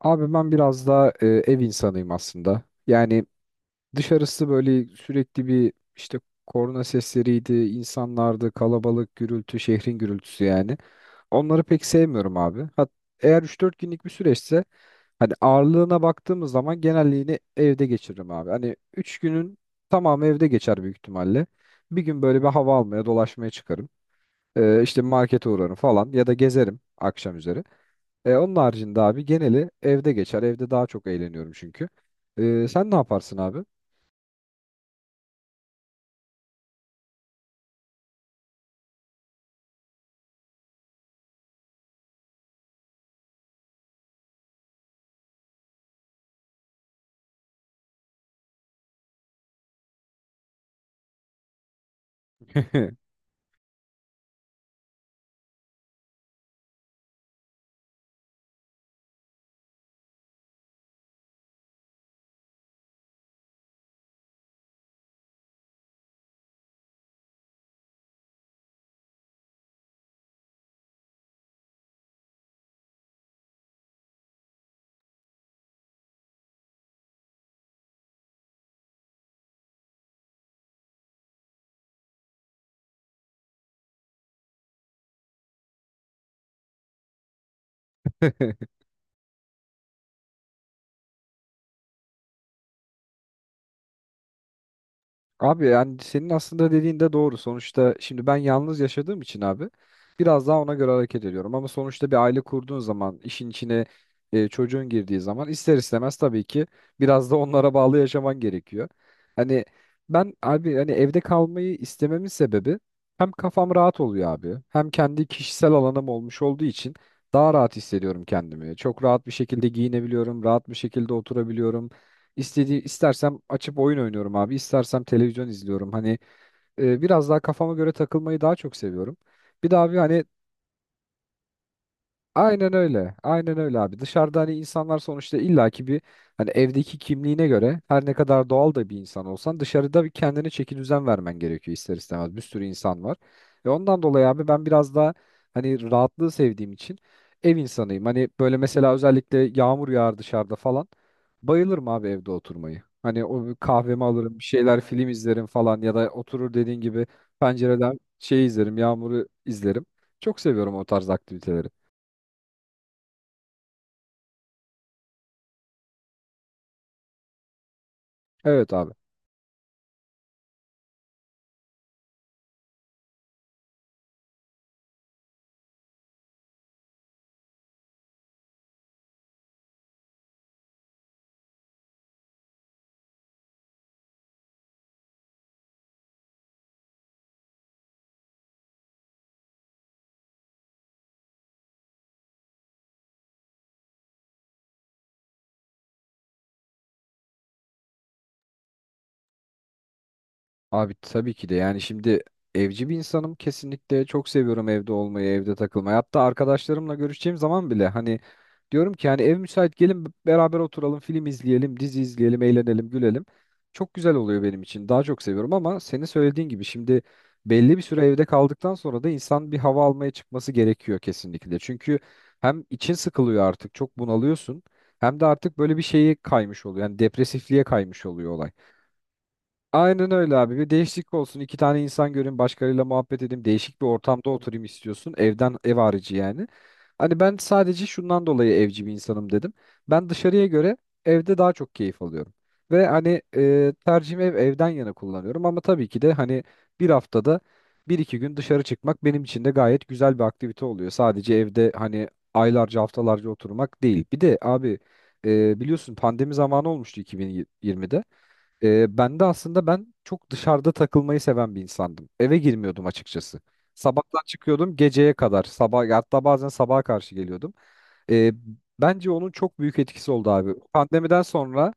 Abi ben biraz daha ev insanıyım aslında. Yani dışarısı böyle sürekli bir işte korna sesleriydi, insanlardı, kalabalık, gürültü, şehrin gürültüsü yani. Onları pek sevmiyorum abi. Eğer üç dört günlük bir süreçse hani ağırlığına baktığımız zaman genelliğini evde geçiririm abi. Hani 3 günün tamamı evde geçer büyük ihtimalle. Bir gün böyle bir hava almaya, dolaşmaya çıkarım. İşte markete uğrarım falan ya da gezerim akşam üzeri. Onun haricinde abi geneli evde geçer. Evde daha çok eğleniyorum çünkü. Sen ne yaparsın abi? Abi yani senin aslında dediğin de doğru. Sonuçta şimdi ben yalnız yaşadığım için abi biraz daha ona göre hareket ediyorum. Ama sonuçta bir aile kurduğun zaman işin içine çocuğun girdiği zaman ister istemez tabii ki biraz da onlara bağlı yaşaman gerekiyor. Hani ben abi hani evde kalmayı istememin sebebi hem kafam rahat oluyor abi hem kendi kişisel alanım olmuş olduğu için daha rahat hissediyorum kendimi. Çok rahat bir şekilde giyinebiliyorum, rahat bir şekilde oturabiliyorum. İstediği istersem açıp oyun oynuyorum abi, istersem televizyon izliyorum. Hani biraz daha kafama göre takılmayı daha çok seviyorum. Bir de abi hani aynen öyle. Aynen öyle abi. Dışarıda hani insanlar sonuçta illaki bir hani evdeki kimliğine göre her ne kadar doğal da bir insan olsan dışarıda bir kendine çeki düzen vermen gerekiyor ister istemez. Bir sürü insan var. Ve ondan dolayı abi ben biraz daha hani rahatlığı sevdiğim için ev insanıyım. Hani böyle mesela özellikle yağmur yağar dışarıda falan. Bayılırım abi evde oturmayı. Hani o bir kahvemi alırım, bir şeyler film izlerim falan ya da oturur dediğin gibi pencereden şey izlerim, yağmuru izlerim. Çok seviyorum o tarz aktiviteleri. Evet abi. Abi tabii ki de yani şimdi evci bir insanım kesinlikle çok seviyorum evde olmayı, evde takılmayı. Hatta arkadaşlarımla görüşeceğim zaman bile hani diyorum ki hani ev müsait gelin beraber oturalım, film izleyelim, dizi izleyelim, eğlenelim, gülelim. Çok güzel oluyor benim için. Daha çok seviyorum ama senin söylediğin gibi şimdi belli bir süre evde kaldıktan sonra da insan bir hava almaya çıkması gerekiyor kesinlikle. Çünkü hem için sıkılıyor artık, çok bunalıyorsun. Hem de artık böyle bir şeye kaymış oluyor. Yani depresifliğe kaymış oluyor olay. Aynen öyle abi. Bir değişiklik olsun. İki tane insan görün başkalarıyla muhabbet edeyim. Değişik bir ortamda oturayım istiyorsun. Evden ev harici yani. Hani ben sadece şundan dolayı evci bir insanım dedim. Ben dışarıya göre evde daha çok keyif alıyorum. Ve hani tercihimi ev, evden yana kullanıyorum. Ama tabii ki de hani bir haftada bir iki gün dışarı çıkmak benim için de gayet güzel bir aktivite oluyor. Sadece evde hani aylarca haftalarca oturmak değil. Bir de abi biliyorsun pandemi zamanı olmuştu 2020'de. Ben de aslında ben çok dışarıda takılmayı seven bir insandım. Eve girmiyordum açıkçası. Sabahtan çıkıyordum geceye kadar. Sabah hatta bazen sabaha karşı geliyordum. Ee, bence onun çok büyük etkisi oldu abi. Pandemiden sonra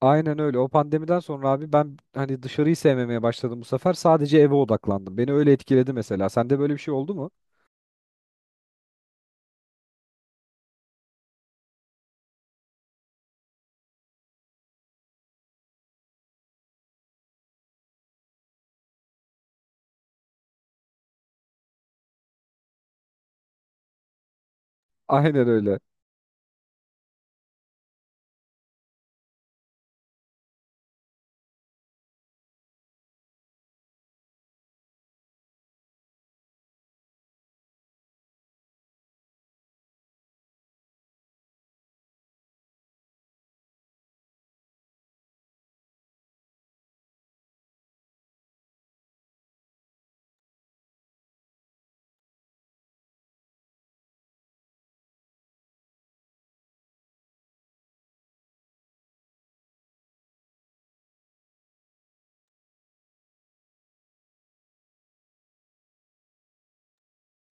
aynen öyle. O pandemiden sonra abi ben hani dışarıyı sevmemeye başladım bu sefer. Sadece eve odaklandım. Beni öyle etkiledi mesela. Sende böyle bir şey oldu mu? Aynen öyle.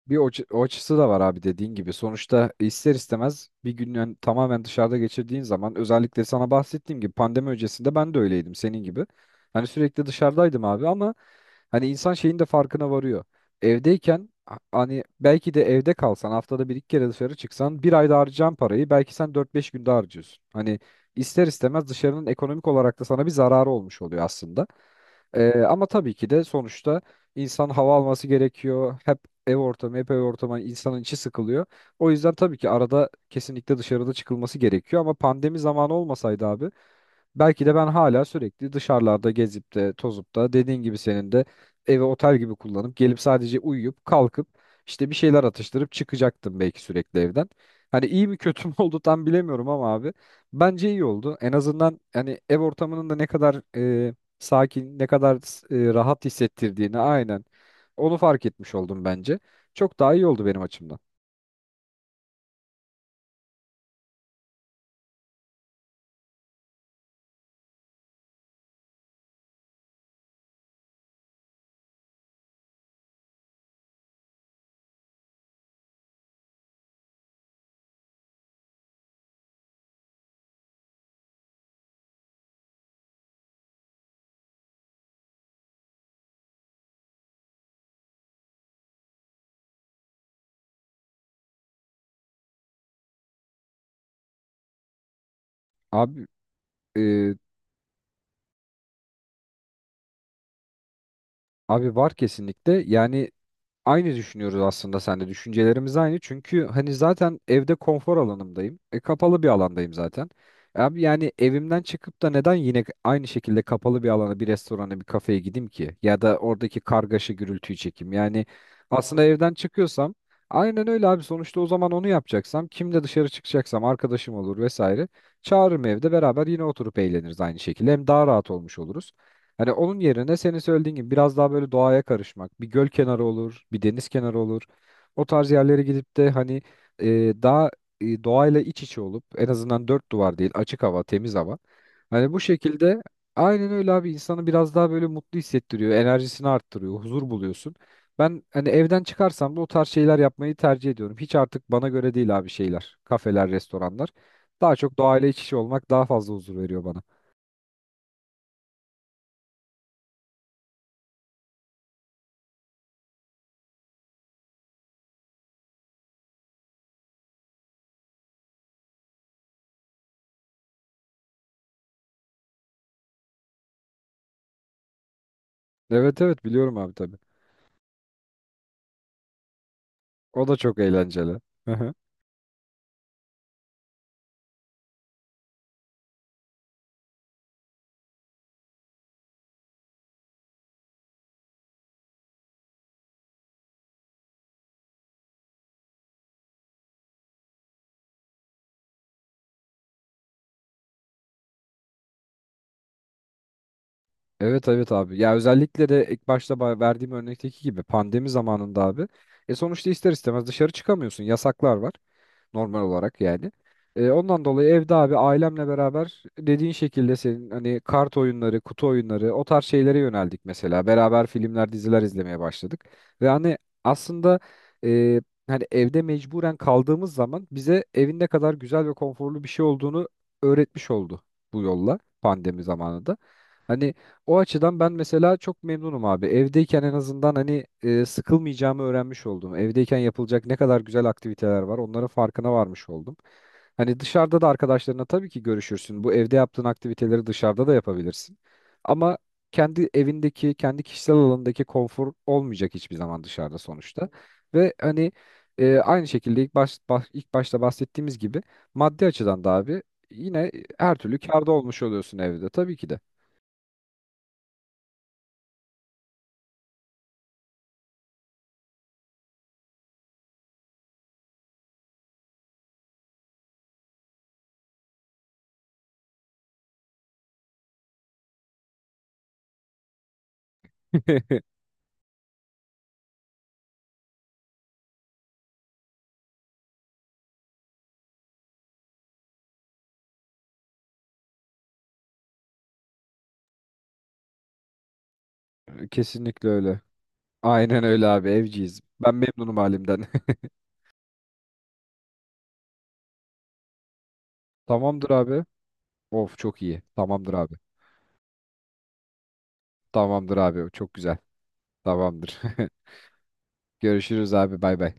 Bir o açısı da var abi dediğin gibi. Sonuçta ister istemez bir gün tamamen dışarıda geçirdiğin zaman özellikle sana bahsettiğim gibi pandemi öncesinde ben de öyleydim senin gibi. Hani sürekli dışarıdaydım abi ama hani insan şeyin de farkına varıyor. Hani belki de evde kalsan haftada bir iki kere dışarı çıksan bir ayda harcayacağın parayı belki sen dört beş günde harcıyorsun. Hani ister istemez dışarının ekonomik olarak da sana bir zararı olmuş oluyor aslında. Ama tabii ki de sonuçta insan hava alması gerekiyor. Hep ev ortamı, hep ev ortamı hani insanın içi sıkılıyor. O yüzden tabii ki arada kesinlikle dışarıda çıkılması gerekiyor ama pandemi zamanı olmasaydı abi belki de ben hala sürekli dışarılarda gezip de tozup da dediğin gibi senin de evi otel gibi kullanıp gelip sadece uyuyup kalkıp işte bir şeyler atıştırıp çıkacaktım belki sürekli evden. Hani iyi mi kötü mü oldu tam bilemiyorum ama abi bence iyi oldu. En azından hani ev ortamının da ne kadar e, sakin, ne kadar rahat hissettirdiğini aynen onu fark etmiş oldum bence. Çok daha iyi oldu benim açımdan. Abi e, abi var kesinlikle. Yani aynı düşünüyoruz aslında sen de. Düşüncelerimiz aynı. Çünkü hani zaten evde konfor alanımdayım. E, kapalı bir alandayım zaten. Abi yani evimden çıkıp da neden yine aynı şekilde kapalı bir alana, bir restorana, bir kafeye gideyim ki? Ya da oradaki kargaşa gürültüyü çekeyim. Yani aslında evden çıkıyorsam aynen öyle abi. Sonuçta o zaman onu yapacaksam, kimle dışarı çıkacaksam arkadaşım olur vesaire. Çağırırım evde beraber yine oturup eğleniriz aynı şekilde. Hem daha rahat olmuş oluruz. Hani onun yerine senin söylediğin gibi biraz daha böyle doğaya karışmak. Bir göl kenarı olur, bir deniz kenarı olur. O tarz yerlere gidip de hani e, daha doğayla iç içe olup en azından dört duvar değil açık hava, temiz hava. Hani bu şekilde aynen öyle abi insanı biraz daha böyle mutlu hissettiriyor, enerjisini arttırıyor, huzur buluyorsun. Ben hani evden çıkarsam da o tarz şeyler yapmayı tercih ediyorum. Hiç artık bana göre değil abi şeyler, kafeler, restoranlar. Daha çok doğayla iç içe olmak daha fazla huzur veriyor bana. Evet evet biliyorum abi tabii. O da çok eğlenceli. Hı hı. Evet evet abi. Ya özellikle de ilk başta verdiğim örnekteki gibi pandemi zamanında abi. E sonuçta ister istemez dışarı çıkamıyorsun. Yasaklar var, normal olarak yani. Ondan dolayı evde abi ailemle beraber dediğin şekilde senin hani kart oyunları, kutu oyunları o tarz şeylere yöneldik mesela. Beraber filmler, diziler izlemeye başladık. Ve hani aslında e, hani evde mecburen kaldığımız zaman bize evin ne kadar güzel ve konforlu bir şey olduğunu öğretmiş oldu bu yolla pandemi zamanında. Hani o açıdan ben mesela çok memnunum abi. Evdeyken en azından hani sıkılmayacağımı öğrenmiş oldum. Evdeyken yapılacak ne kadar güzel aktiviteler var, onların farkına varmış oldum. Hani dışarıda da arkadaşlarına tabii ki görüşürsün. Bu evde yaptığın aktiviteleri dışarıda da yapabilirsin. Ama kendi evindeki, kendi kişisel alanındaki konfor olmayacak hiçbir zaman dışarıda sonuçta. Ve hani aynı şekilde ilk başta bahsettiğimiz gibi maddi açıdan da abi yine her türlü kârda olmuş oluyorsun evde tabii ki de. Kesinlikle öyle. Aynen öyle abi evciyiz. Ben memnunum halimden. Tamamdır abi. Of çok iyi. Tamamdır abi. Tamamdır abi. Çok güzel. Tamamdır. Görüşürüz abi. Bay bay.